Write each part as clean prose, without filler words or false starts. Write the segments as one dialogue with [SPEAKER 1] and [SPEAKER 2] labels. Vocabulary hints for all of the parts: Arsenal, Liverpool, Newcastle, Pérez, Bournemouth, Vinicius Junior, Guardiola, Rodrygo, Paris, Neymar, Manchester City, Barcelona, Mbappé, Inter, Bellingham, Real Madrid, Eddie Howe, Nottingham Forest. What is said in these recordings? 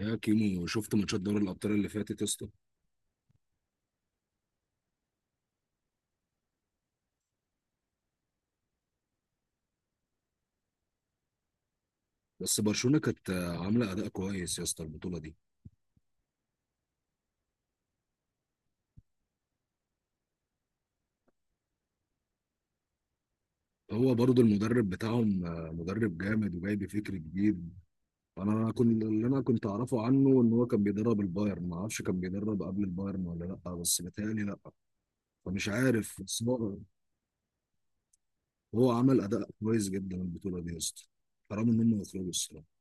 [SPEAKER 1] يا كيمو شفت ماتشات دوري الابطال اللي فاتت يا اسطى؟ بس برشلونه كانت عامله اداء كويس يا اسطى البطوله دي. هو برضو المدرب بتاعهم مدرب جامد وجايب فكر جديد. انا كنت اعرفه عنه ان هو كان بيدرب البايرن، ما اعرفش كان بيدرب قبل البايرن ولا لا، بس بيتهيألي لا. فمش عارف، بس هو عمل اداء كويس جدا البطوله دي يا اسطى. حرام ان هم يخرجوا الصراحه.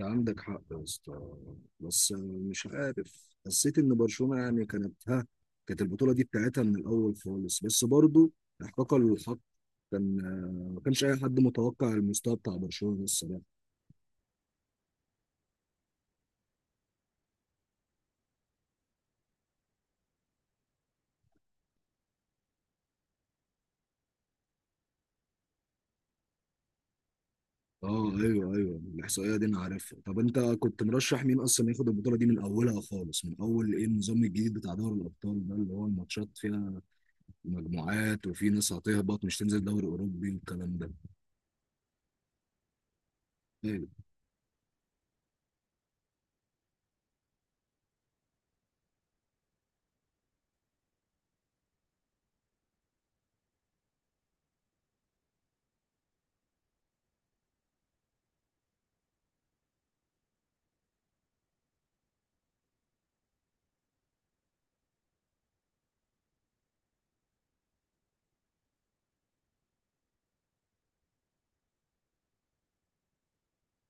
[SPEAKER 1] عندك حق يا اسطى، بس مش عارف، حسيت ان برشلونه يعني كانت كانت البطوله دي بتاعتها من الاول خالص، بس برضو احقاقا للحق كان ما كانش اي حد متوقع المستوى بتاع برشلونه الصراحه. اه ايوه ايوه، الاحصائيه دي انا عارفها. طب انت كنت مرشح مين اصلا ياخد البطوله دي من اولها خالص؟ من اول ايه؟ النظام الجديد بتاع دوري الابطال ده اللي هو الماتشات فيها مجموعات، وفي ناس هتهبط مش تنزل دوري اوروبي والكلام ده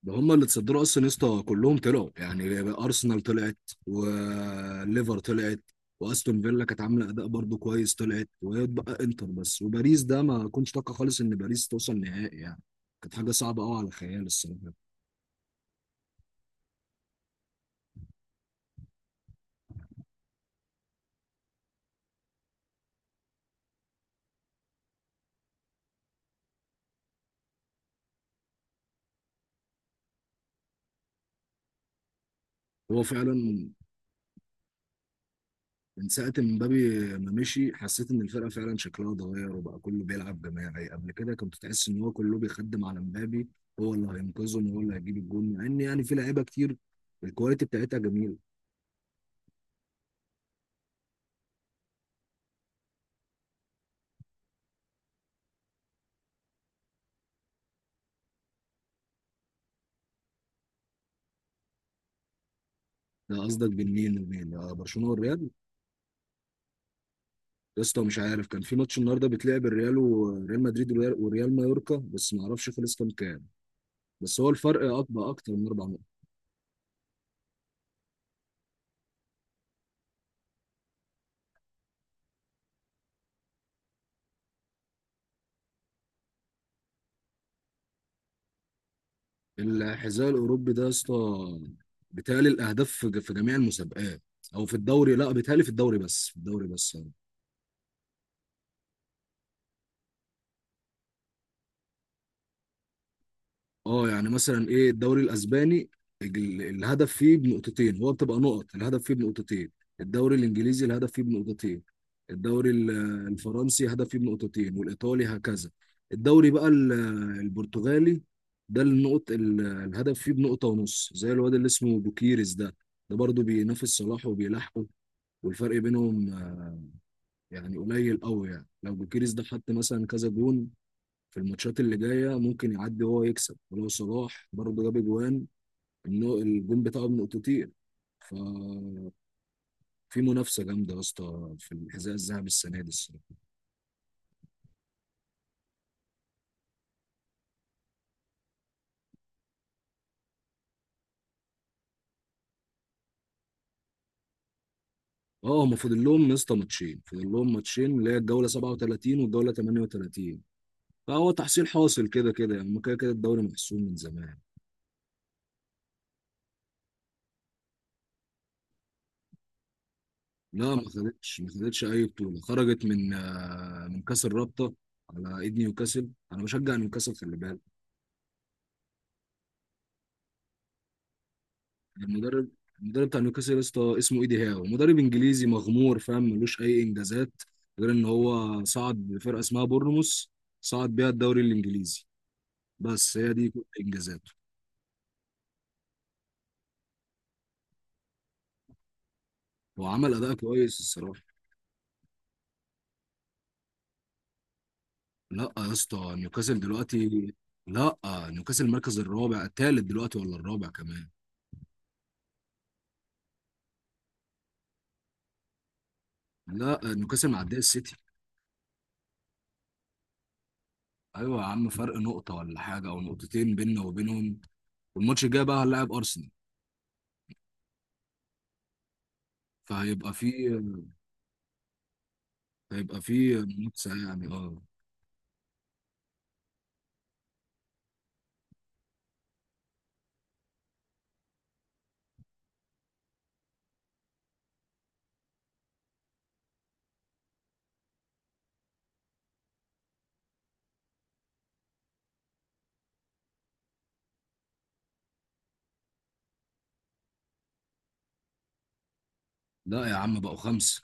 [SPEAKER 1] ده. هم اللي تصدروا اصلا يا اسطى، كلهم طلعوا. يعني ارسنال طلعت، وليفر طلعت، واستون فيلا كانت عامله اداء برضو كويس طلعت، وبقى انتر بس. وباريس ده ما كنتش اتوقع خالص ان باريس توصل نهائي يعني، كانت حاجه صعبه قوي على الخيال الصراحه. هو فعلا من ساعه ما مبابي ما مشي حسيت ان الفرقه فعلا شكلها اتغير، وبقى كله بيلعب جماعي. قبل كده كنت تحس ان هو كله بيخدم على مبابي، هو اللي هينقذهم وهو اللي هيجيب الجون، مع ان يعني في لعيبه كتير الكواليتي بتاعتها جميله. لا قصدك بين مين ومين؟ برشلونه والريال؟ يا اسطى مش عارف، كان في ماتش النهارده بيتلعب، الريال وريال مدريد، والريال وريال مايوركا، بس ما اعرفش خلص كام كام. بس هو الفرق اكبر اكتر من اربع نقط. الحذاء الاوروبي ده يا اسطى، بيتهيألي الاهداف في جميع المسابقات، او في الدوري، لا بيتهيألي في الدوري بس، في الدوري بس يعني. اه، يعني مثلا ايه؟ الدوري الاسباني الهدف فيه بنقطتين، هو بتبقى نقط الهدف فيه بنقطتين. الدوري الانجليزي الهدف فيه بنقطتين. الدوري الفرنسي هدف فيه بنقطتين، والايطالي هكذا. الدوري بقى البرتغالي ده النقط الهدف فيه بنقطة ونص، زي الواد اللي اسمه بوكيريس ده، ده برضه بينافس صلاح وبيلاحقه. والفرق بينهم يعني قليل قوي. يعني لو بوكيريس ده حط مثلا كذا جون في الماتشات اللي جايه ممكن يعدي هو، يكسب. ولو صلاح برضه جاب اجوان انه الجون بتاعه من اوتوتير، ففي منافسه جامده يا اسطى في الحذاء الذهبي السنه دي الصراحه. اه، هما فاضل لهم يا اسطى ماتشين، فاضل لهم ماتشين، اللي هي الجوله 37 والجوله 38. فهو تحصيل حاصل كده كده يعني، هما كده كده الدوري محسوم من زمان. لا ما خدتش اي بطوله، خرجت من كاس الرابطه على ايد نيوكاسل. انا بشجع نيوكاسل خلي بالك. المدرب المدرب بتاع نيوكاسل يا اسطى اسمه ايدي هاو، مدرب انجليزي مغمور فاهم، ملوش اي انجازات غير ان هو صعد بفرقه اسمها بورنموث، صعد بيها الدوري الانجليزي، بس هي دي كل انجازاته. هو عمل اداء كويس الصراحه. لا يا اسطى، نيوكاسل دلوقتي، لا نيوكاسل المركز الرابع، الثالث دلوقتي ولا الرابع؟ كمان، لا نيوكاسل معديه السيتي. ايوه يا عم، فرق نقطه ولا حاجه او نقطتين بيننا وبينهم. والماتش الجاي بقى هنلاعب ارسنال، فهيبقى فيه، هيبقى في منافسة يعني، اه. لا يا عم بقوا خمسة.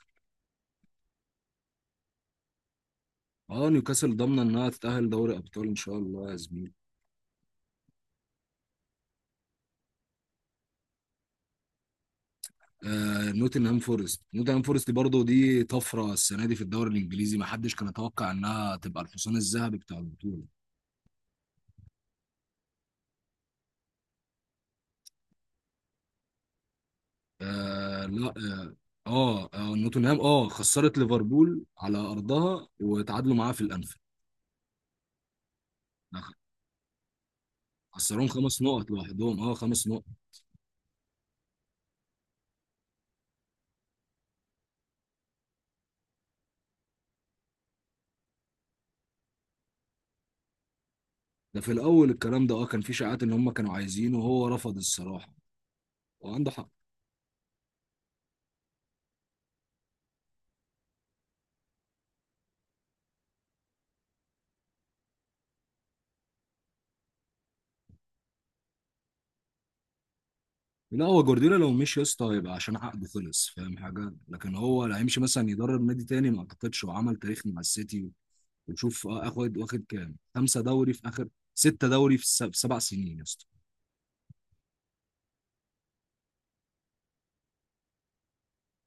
[SPEAKER 1] اه، نيوكاسل ضامنة انها تتأهل دوري ابطال ان شاء الله يا زميلي. نوتنهام فورست، نوتنهام فورست برضه دي طفرة السنة دي في الدوري الانجليزي، ما حدش كان يتوقع انها تبقى الحصان الذهبي بتاع البطولة. آه لا. اه, نوتنهام خسرت ليفربول على ارضها، وتعادلوا معاها في الانفيلد. خسروهم خمس نقط لوحدهم، اه خمس نقط. ده في الاول الكلام ده اه، كان في شائعات ان هم كانوا عايزينه وهو رفض الصراحة، وعنده حق. لا هو جوارديولا لو مشي يا اسطى هيبقى عشان عقده خلص، فاهم حاجه؟ لكن هو لا، هيمشي مثلا يدرب نادي تاني؟ ما اعتقدش، وعمل تاريخ مع السيتي، وتشوف اخد، كام، خمسه دوري في اخر، سته دوري في في سبع سنين يا اسطى.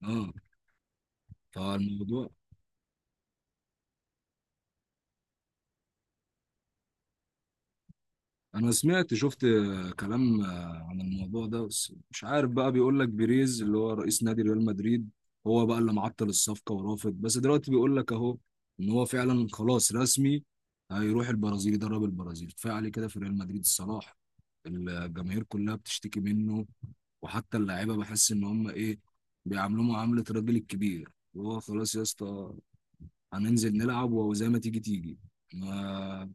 [SPEAKER 1] اه، فالموضوع، انا سمعت، شفت كلام عن الموضوع ده، بس مش عارف بقى، بيقول لك بيريز اللي هو رئيس نادي ريال مدريد، هو بقى اللي معطل الصفقة ورافض، بس دلوقتي بيقول لك اهو ان هو فعلا خلاص رسمي، هيروح البرازيل يدرب البرازيل. كفاية عليه كده في ريال مدريد الصراحة، الجماهير كلها بتشتكي منه. وحتى اللعيبة بحس ان هم ايه، بيعاملوه معاملة الراجل الكبير، وهو خلاص يا اسطى، هننزل نلعب وزي ما تيجي تيجي. ما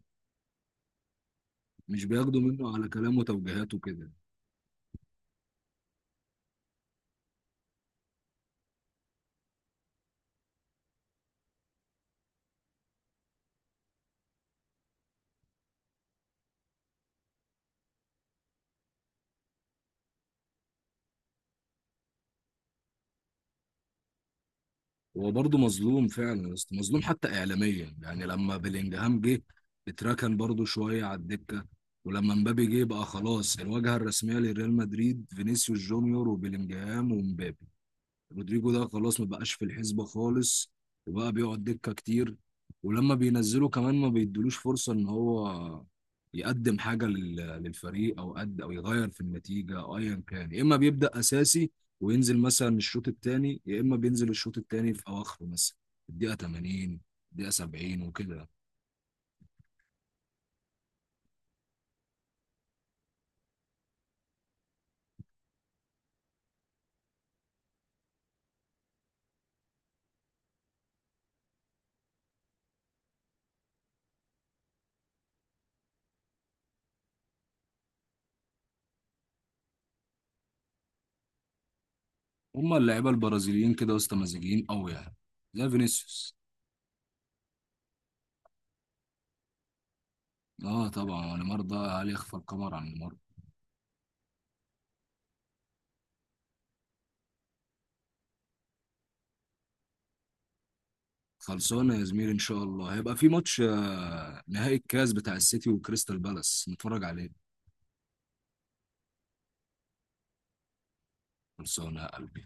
[SPEAKER 1] مش بياخدوا منه على كلامه وتوجيهاته كده. هو برضه مظلوم فعلا يا اسطى، مظلوم حتى اعلاميا. يعني لما بلينجهام جه اتركن برضه شويه على الدكه، ولما مبابي جه بقى خلاص، الواجهه الرسميه لريال مدريد فينيسيوس جونيور وبلينجهام ومبابي. رودريجو ده خلاص ما بقاش في الحسبة خالص، وبقى بيقعد دكة كتير. ولما بينزله كمان ما بيدلوش فرصة ان هو يقدم حاجة للفريق، او قد او يغير في النتيجة او ايا كان. يا اما بيبدأ اساسي وينزل مثلا الشوط الثاني، يا اما بينزل الشوط الثاني في اواخره مثلا، الدقيقة 80، الدقيقة 70 وكده. هما اللعيبة البرازيليين كده، وسط، مزاجيين قوي يعني، زي فينيسيوس. اه طبعا، ونيمار ده هل يخفى القمر عن نيمار؟ خلصانه يا زميلي، ان شاء الله هيبقى في ماتش نهائي الكاس بتاع السيتي وكريستال بالاس نتفرج عليه. خلصانه يا قلبي.